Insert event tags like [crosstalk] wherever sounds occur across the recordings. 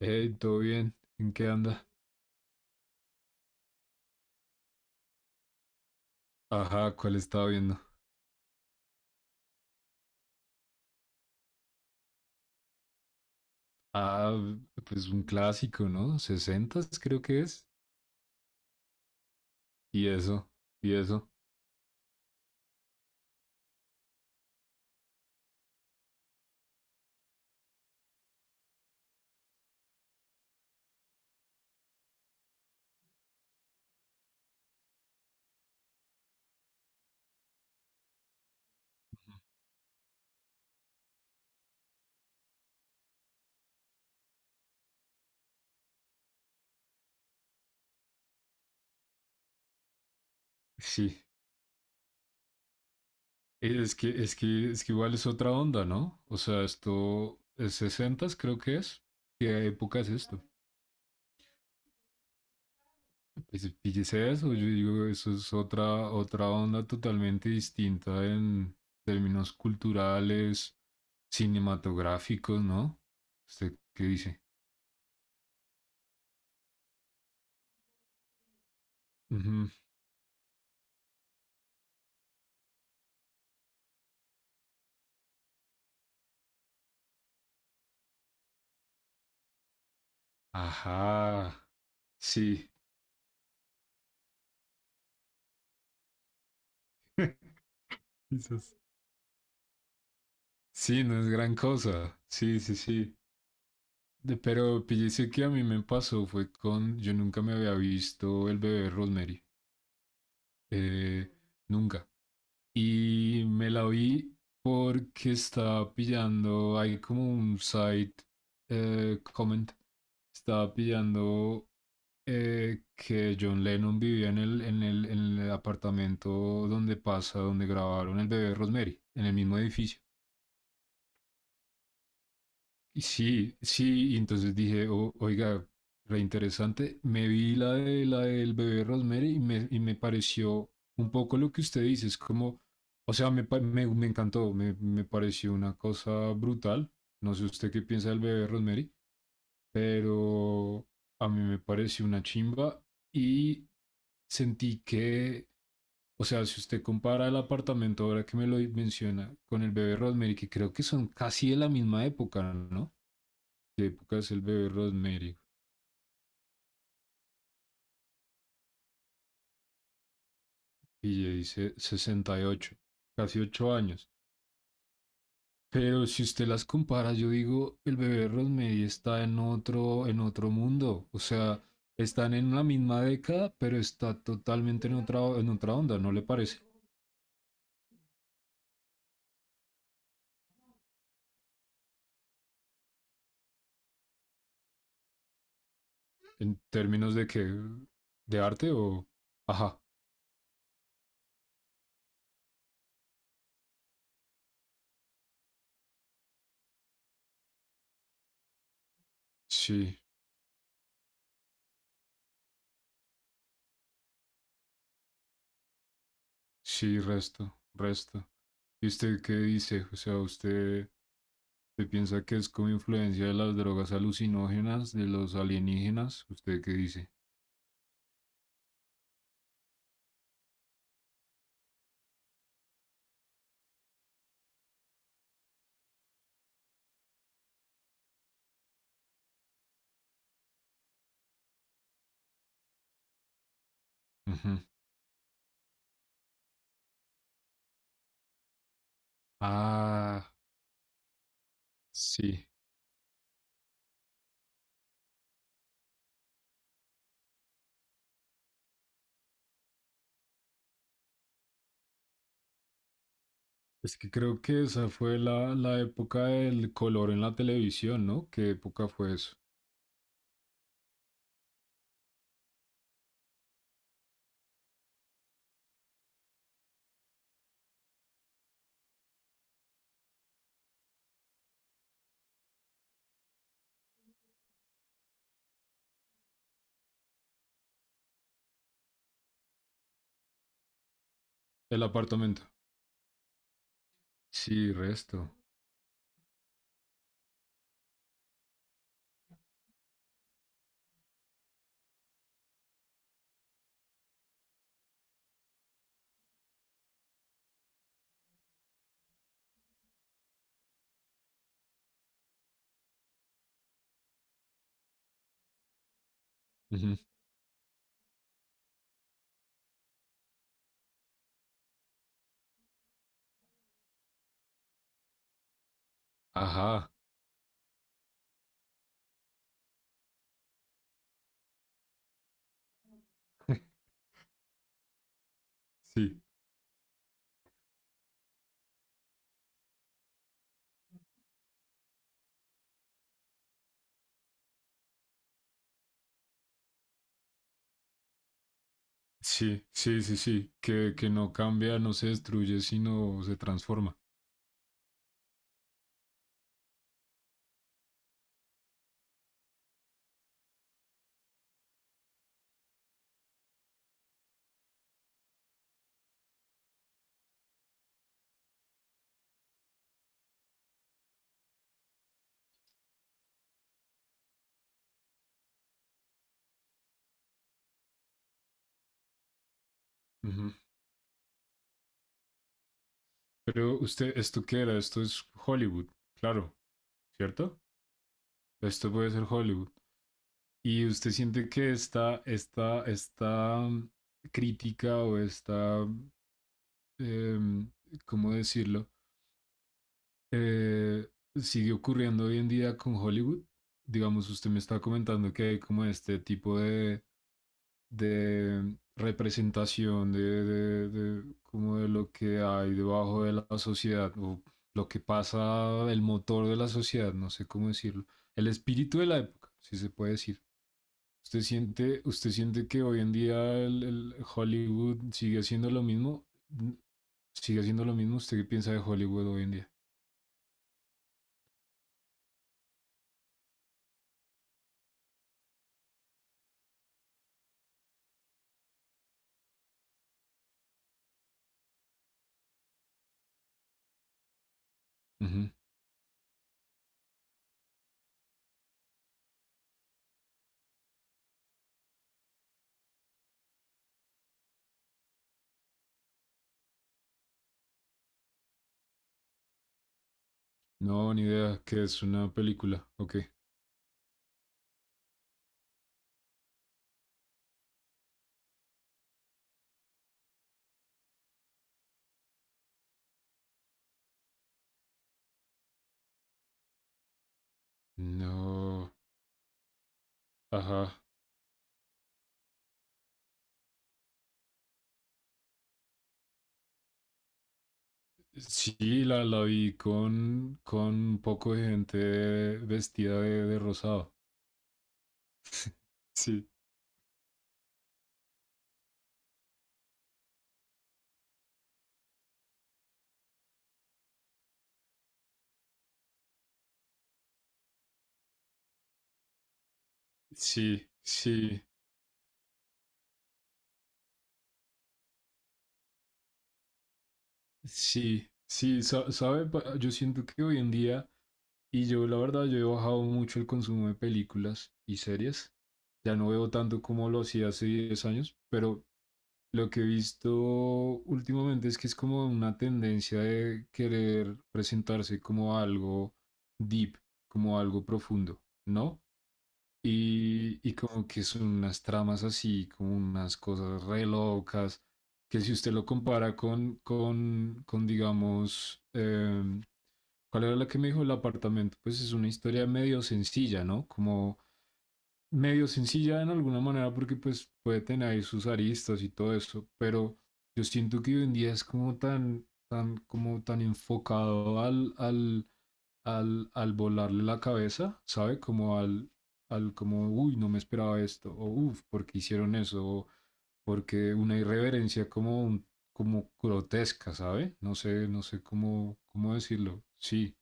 Hey, ¿todo bien? ¿En qué anda? Ajá, ¿cuál estaba viendo? Ah, pues un clásico, ¿no? Sesentas, creo que es. Y eso, y eso. Sí. Es que igual es otra onda, ¿no? O sea, esto es sesentas, creo que es. ¿Qué época es esto? Pues fíjese eso, yo digo, eso es otra onda totalmente distinta en términos culturales, cinematográficos, ¿no? ¿Usted qué dice? Ujú. Ajá. Sí, quizás. Sí, no es gran cosa. Sí. Pero píllese que a mí me pasó fue con. Yo nunca me había visto el bebé Rosemary. eh, nunca. Y me la vi porque estaba pillando. Hay como un site comment. Estaba pillando que John Lennon vivía en el apartamento donde pasa, donde grabaron el bebé Rosemary, en el mismo edificio. Y entonces dije, Oiga, re interesante. Me vi la de la del bebé Rosemary y me pareció un poco lo que usted dice, es como, o sea, me encantó, me pareció una cosa brutal. No sé usted qué piensa del bebé Rosemary, pero a mí me pareció una chimba y sentí que, o sea, si usted compara el apartamento ahora que me lo menciona con el bebé Rosemary, que creo que son casi de la misma época, ¿no? De épocas el bebé Rosemary, y le dice 68 casi 8 años. Pero si usted las compara, yo digo, el bebé Rosemary está en otro mundo. O sea, están en la misma década, pero está totalmente en otra onda, ¿no le parece? En términos de que, de arte o... Ajá, sí, sí, resto. ¿Y usted qué dice? ¿Usted piensa que es como influencia de las drogas alucinógenas, de los alienígenas? ¿Usted qué dice? Ujú. Ah, sí. Es que creo que esa fue la época del color en la televisión, ¿no? ¿Qué época fue eso? El apartamento. Sí, resto. Ujú. Ajá. [laughs] Sí, sí. Que no cambia, no se destruye, sino se transforma. Ujú. Pero usted, ¿esto qué era? Esto es Hollywood, claro, ¿cierto? Esto puede ser Hollywood. ¿Y usted siente que esta crítica o esta, eh, ¿cómo decirlo? Eh, sigue ocurriendo hoy en día con Hollywood. Digamos, usted me está comentando que hay como este tipo de representación de como de lo que hay debajo de la sociedad o lo que pasa, el motor de la sociedad, no sé cómo decirlo. El espíritu de la época, si se puede decir. ¿Usted siente que hoy en día el Hollywood sigue haciendo lo mismo? Mm, ¿Sigue haciendo lo mismo? ¿Usted qué piensa de Hollywood hoy en día? Ujú. No, ni idea, ¿Qué es una película. Ok. No. Ajá. Sí, la vi con un poco de gente vestida de rosado. [laughs] Sí, sí, sí, sí. ¿Sabe? Yo siento que hoy en día y yo, la verdad, yo he bajado mucho el consumo de películas y series. Ya no veo tanto como lo hacía hace 10 años, pero lo que he visto últimamente es que es como una tendencia de querer presentarse como algo deep, como algo profundo, ¿no? Y como que son unas tramas así, como unas cosas re locas, que si usted lo compara con digamos, ¿cuál era la que me dijo el apartamento? Pues es una historia medio sencilla, ¿no? Como medio sencilla en alguna manera porque pues puede tener ahí sus aristas y todo eso, pero yo siento que hoy en día es como como tan enfocado al volarle la cabeza, ¿sabe? Como, uy, no me esperaba esto, o uff, ¿por qué hicieron eso? O porque una irreverencia como, como grotesca, ¿sabe? No sé, no sé cómo, cómo decirlo. Sí.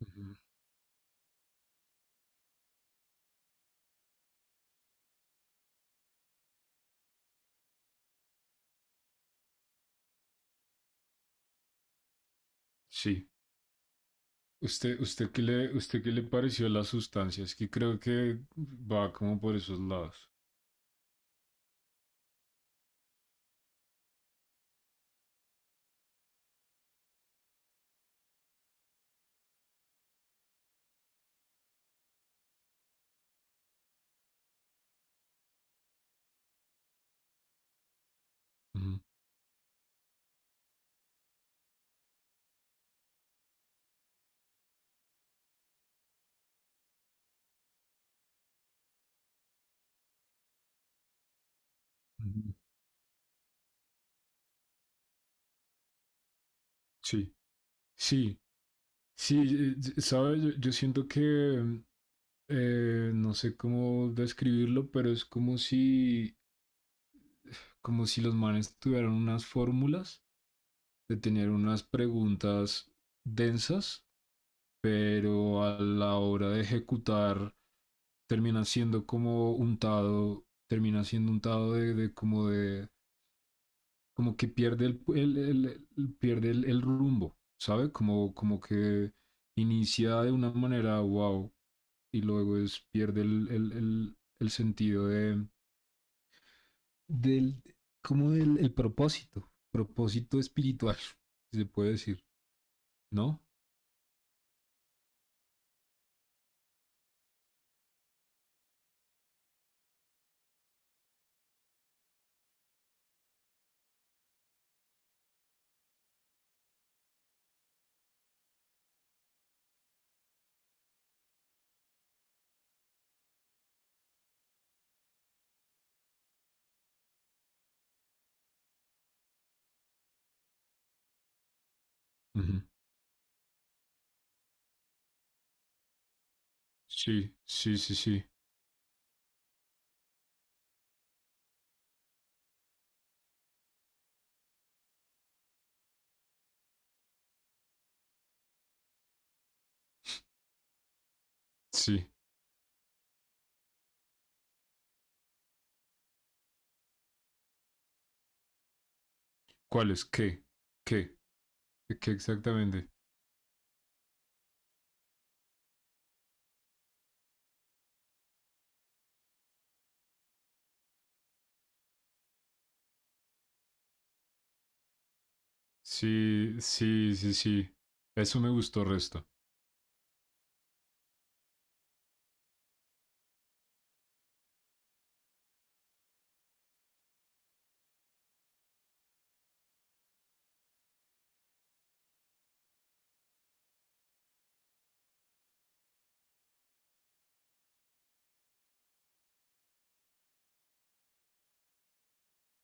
Ujú. Sí. ¿Usted, usted qué le pareció las sustancias? Que creo que va como por esos lados. Ujú, ujú. Sí, sí, sí, sabe, yo siento que mm, no sé cómo describirlo, pero es como si los manes tuvieran unas fórmulas, de tener unas preguntas densas, pero a la hora de ejecutar termina siendo como untado, termina siendo untado como que pierde pierde el rumbo, ¿sabe? Como, como que inicia de una manera wow y luego es, pierde el sentido del, como del el propósito, propósito espiritual, si se puede decir, ¿no? Ujú. Sí, sí. ¿Cuál es? ¿Qué? ¿Qué? ¿Qué exactamente? Sí, sí. Eso me gustó resto.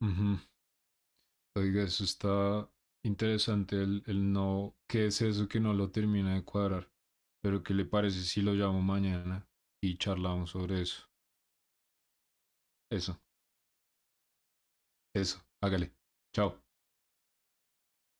Ujú. Oiga, eso está interesante, el no, ¿qué es eso que no lo termina de cuadrar? Pero ¿qué le parece si lo llamo mañana y charlamos sobre eso? Eso, eso, hágale. Chao.